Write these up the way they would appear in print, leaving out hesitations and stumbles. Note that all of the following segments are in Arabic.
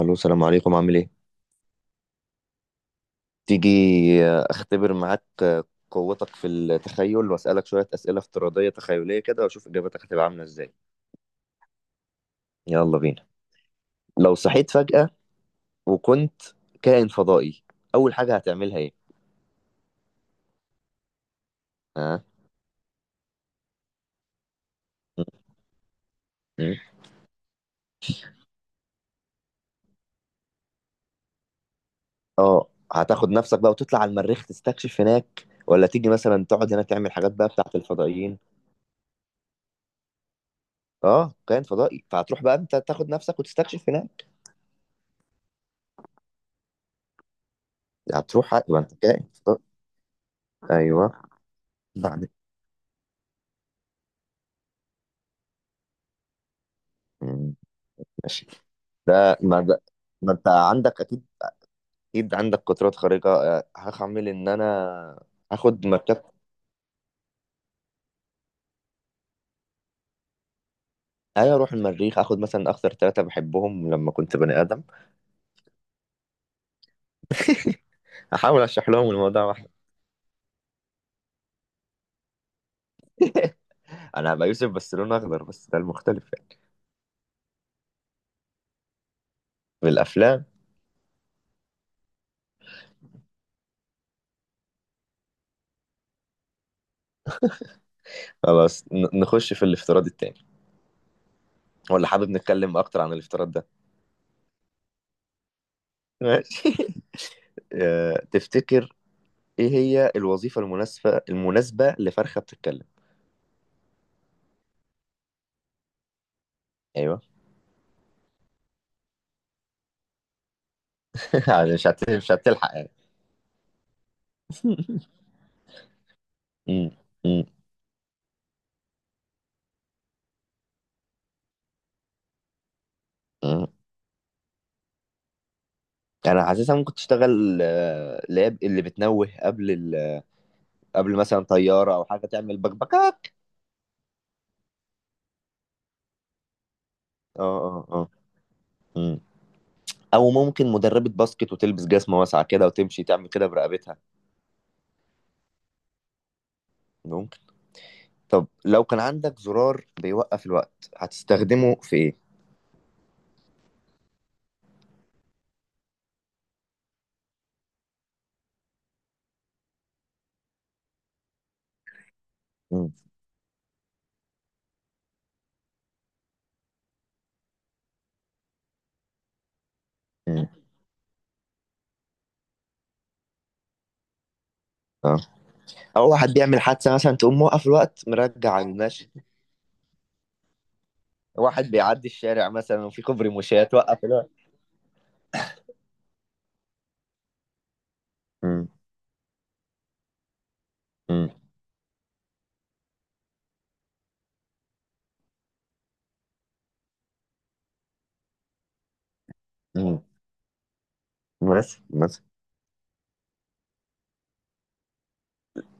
الو، السلام عليكم. عامل ايه؟ تيجي؟ اختبر معاك قوتك في التخيل واسالك شويه اسئله افتراضيه تخيليه كده واشوف اجابتك هتبقى عامله ازاي. يلا بينا. لو صحيت فجاه وكنت كائن فضائي، اول حاجه هتعملها ايه؟ ها؟ م- اه، هتاخد نفسك بقى وتطلع على المريخ تستكشف هناك، ولا تيجي مثلا تقعد هنا تعمل حاجات بقى بتاعت الفضائيين؟ اه كائن فضائي، فهتروح بقى انت تاخد نفسك وتستكشف هناك. هتروح، يبقى انت كائن فضائي. ايوه. بعد. م- ماشي. ده ما ده. ما انت عندك اكيد. عندك قدرات خارقه. هعمل ان انا هاخد مركب. ايوه اروح المريخ اخد مثلا اكتر ثلاثه بحبهم لما كنت بني ادم. احاول اشرح لهم الموضوع. واحد. انا هبقى يوسف بس لون اخضر، بس ده المختلف يعني. في الافلام. خلاص، نخش في الافتراض التاني، ولا حابب نتكلم اكتر عن الافتراض ده؟ ماشي. تفتكر ايه هي الوظيفه المناسبه لفرخه بتتكلم؟ ايوه. يعني مش هتلحق يعني. م- م- م. يعني انا حاسسها ممكن تشتغل، اللي بتنوه قبل مثلا طياره او حاجه، تعمل بكبكاك. اه اه. مم. او ممكن مدربه باسكت، وتلبس جزمه واسعه كده وتمشي تعمل كده برقبتها. ممكن. طب لو كان عندك زرار بيوقف الوقت، هتستخدمه في ايه؟ مم. مم. اه، او واحد بيعمل حادثه مثلا، تقوم موقف الوقت مرجع المشي. واحد بيعدي الشارع مثلا، وفي كوبري مشاة، توقف الوقت. مم. مم. مم. بس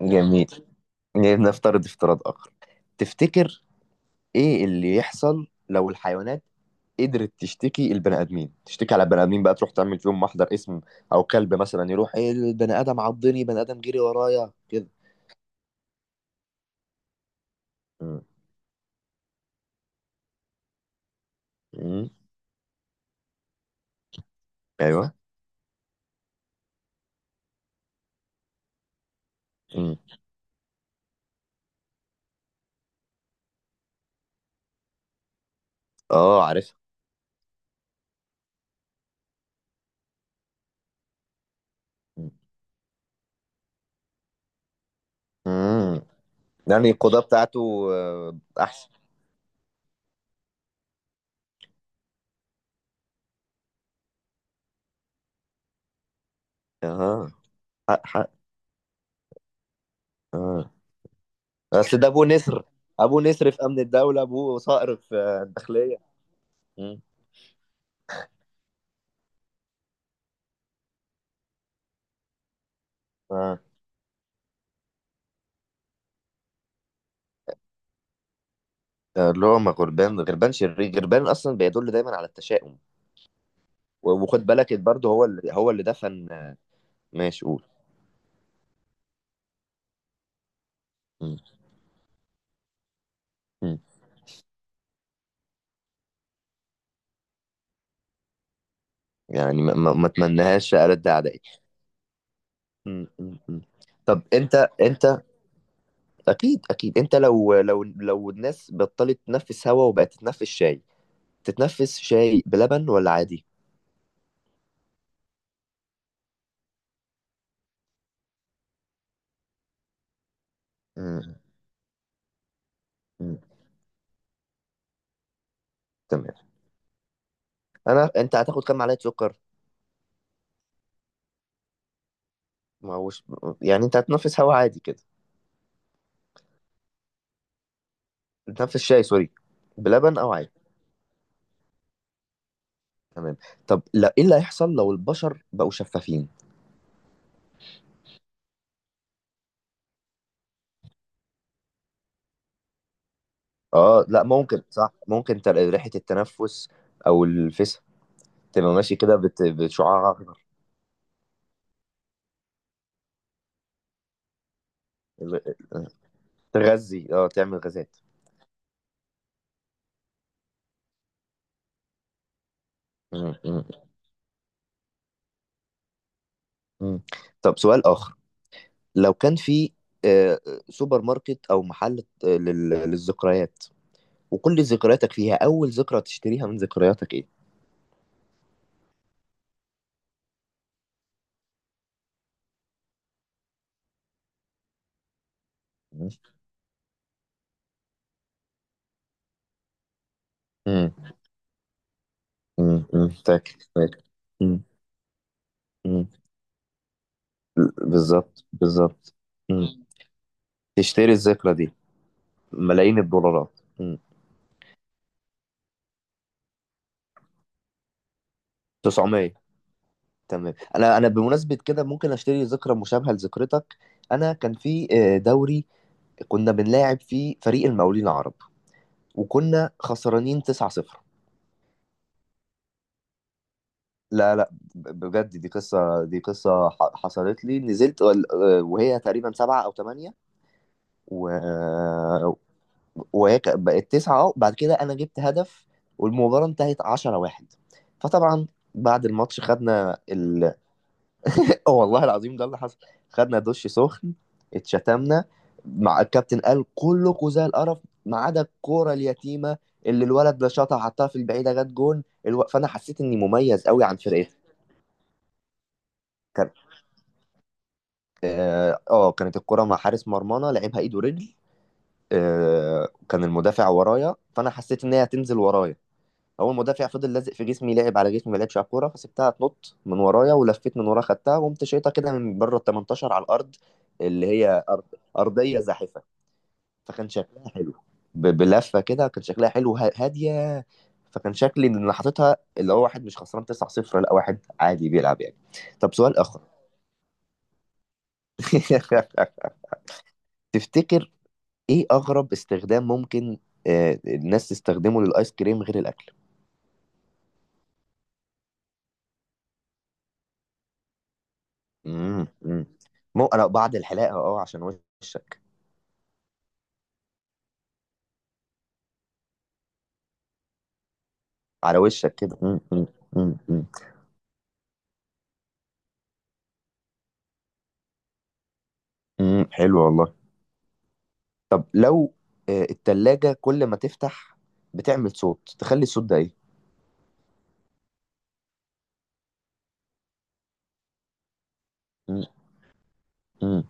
جميل. يعني نفترض افتراض آخر. تفتكر إيه اللي يحصل لو الحيوانات قدرت تشتكي على البني آدمين، بقى تروح تعمل فيهم محضر اسم؟ أو كلب مثلا يروح إيه، البني آدم عضني، بني آدم جري ورايا كده. مم. مم. أيوه. مم. أه عارفها. مم. مم. يعني القضاء بتاعته أحسن. أها. حق. أه. أصل ده أبو نسر، أبو نسر في أمن الدولة، أبوه صقر في الداخلية. مم. آه. ده اللي هو، ما غربان، غربان شرير، غربان اصلا بيدل دايما على التشاؤم. وخد بالك برضه، هو اللي دفن، آه، ماشي قول. م- م. يعني ما اتمنهاش ارد اعدائي. م. طب انت، انت اكيد انت لو الناس بطلت تنفس هوا وبقت تتنفس شاي، تتنفس شاي بلبن ولا عادي؟ م- م. تمام. انا، انت هتاخد كام معلقه سكر؟ ما هوش، يعني انت هتنفس هوا عادي كده؟ تنفس شاي، سوري، بلبن او عادي. تمام. طب لا، ايه اللي هيحصل لو البشر بقوا شفافين؟ اه لا، ممكن صح، ممكن ريحة التنفس او الفسا تبقى ماشي كده بشعاع اخضر. ال- تغذي، اه تعمل غازات. م- م- م. طب سؤال اخر. لو كان في، آه، سوبر ماركت او محل، للذكريات، وكل ذكرياتك فيها، اول ذكرى تشتريها من ذكرياتك ايه؟ م- م- م. فاكر. م- م. بالظبط. تشتري الذكرى دي ملايين الدولارات. مم. 900. تمام. انا، بمناسبه كده ممكن اشتري ذكرى مشابهه لذكرتك. انا كان في، دوري كنا بنلاعب فيه فريق المقاولين العرب، وكنا خسرانين 9-0. لا بجد، دي قصه حصلت لي، نزلت، وهي تقريبا سبعة او ثمانية، و... آه، وهي بقت تسعة اهو، بعد كده انا جبت هدف، والمباراة انتهت 10 واحد. فطبعا بعد الماتش خدنا، اه والله العظيم ده اللي حصل، خدنا دش سخن، اتشتمنا مع الكابتن، قال كلكوا زي القرف ما عدا الكوره اليتيمه اللي الولد ده شاطها حطها في البعيده، جت جون فانا حسيت اني مميز قوي عن فرقتي. كان اه، كانت الكوره مع حارس مرمانا، لعبها ايد ورجل، كان المدافع ورايا، فانا حسيت ان هي هتنزل ورايا. اول مدافع فضل لازق في جسمي، لعب على جسمي ما لعبش على الكوره، فسبتها تنط من ورايا ولفيت من وراها خدتها، وقمت شايطها كده من بره ال 18 على الارض، اللي هي أرض ارضيه زاحفه. فكان شكلها حلو. بلفه كده، كان شكلها حلو، هاديه. فكان شكلي ان انا حاططها اللي هو واحد مش خسران 9-0، لا واحد عادي بيلعب يعني. طب سؤال اخر. تفتكر ايه اغرب استخدام ممكن، الناس تستخدمه للايس كريم غير الاكل؟ امم. مو انا بعد الحلاقه اه عشان وشك. على وشك كده. مم، مم، مم، مم، مم، حلو والله. طب لو، التلاجة كل ما تفتح بتعمل صوت، تخلي الصوت ده ايه؟ مم، مم.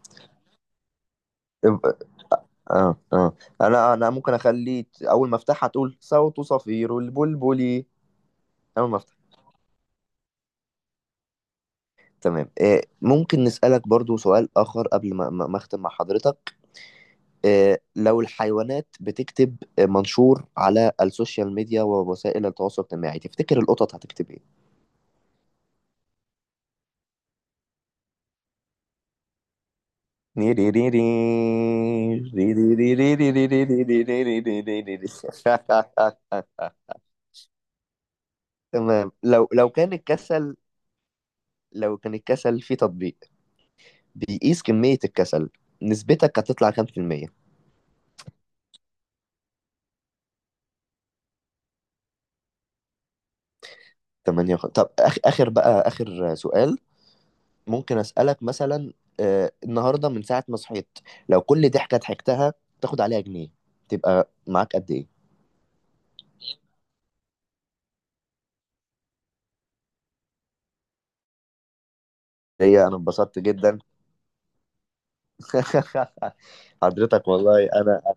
يبقى، اه اه، انا، ممكن اخلي اول ما افتحها تقول صوت صفير البلبلي. اول ما افتح. تمام. ممكن نسألك برضو سؤال آخر قبل ما أختم مع حضرتك؟ لو الحيوانات بتكتب منشور على السوشيال ميديا ووسائل التواصل الاجتماعي، تفتكر القطط هتكتب إيه؟ تمام. لو كان الكسل، لو كان الكسل في تطبيق بيقيس كمية الكسل، نسبتك هتطلع كام في المية؟ 8. طب آخر بقى، آخر سؤال ممكن أسألك مثلا، آه النهاردة من ساعة ما صحيت، لو كل ضحكة ضحكتها تاخد عليها جنيه، تبقى معاك قد إيه؟ هي أنا انبسطت جدا. حضرتك والله أنا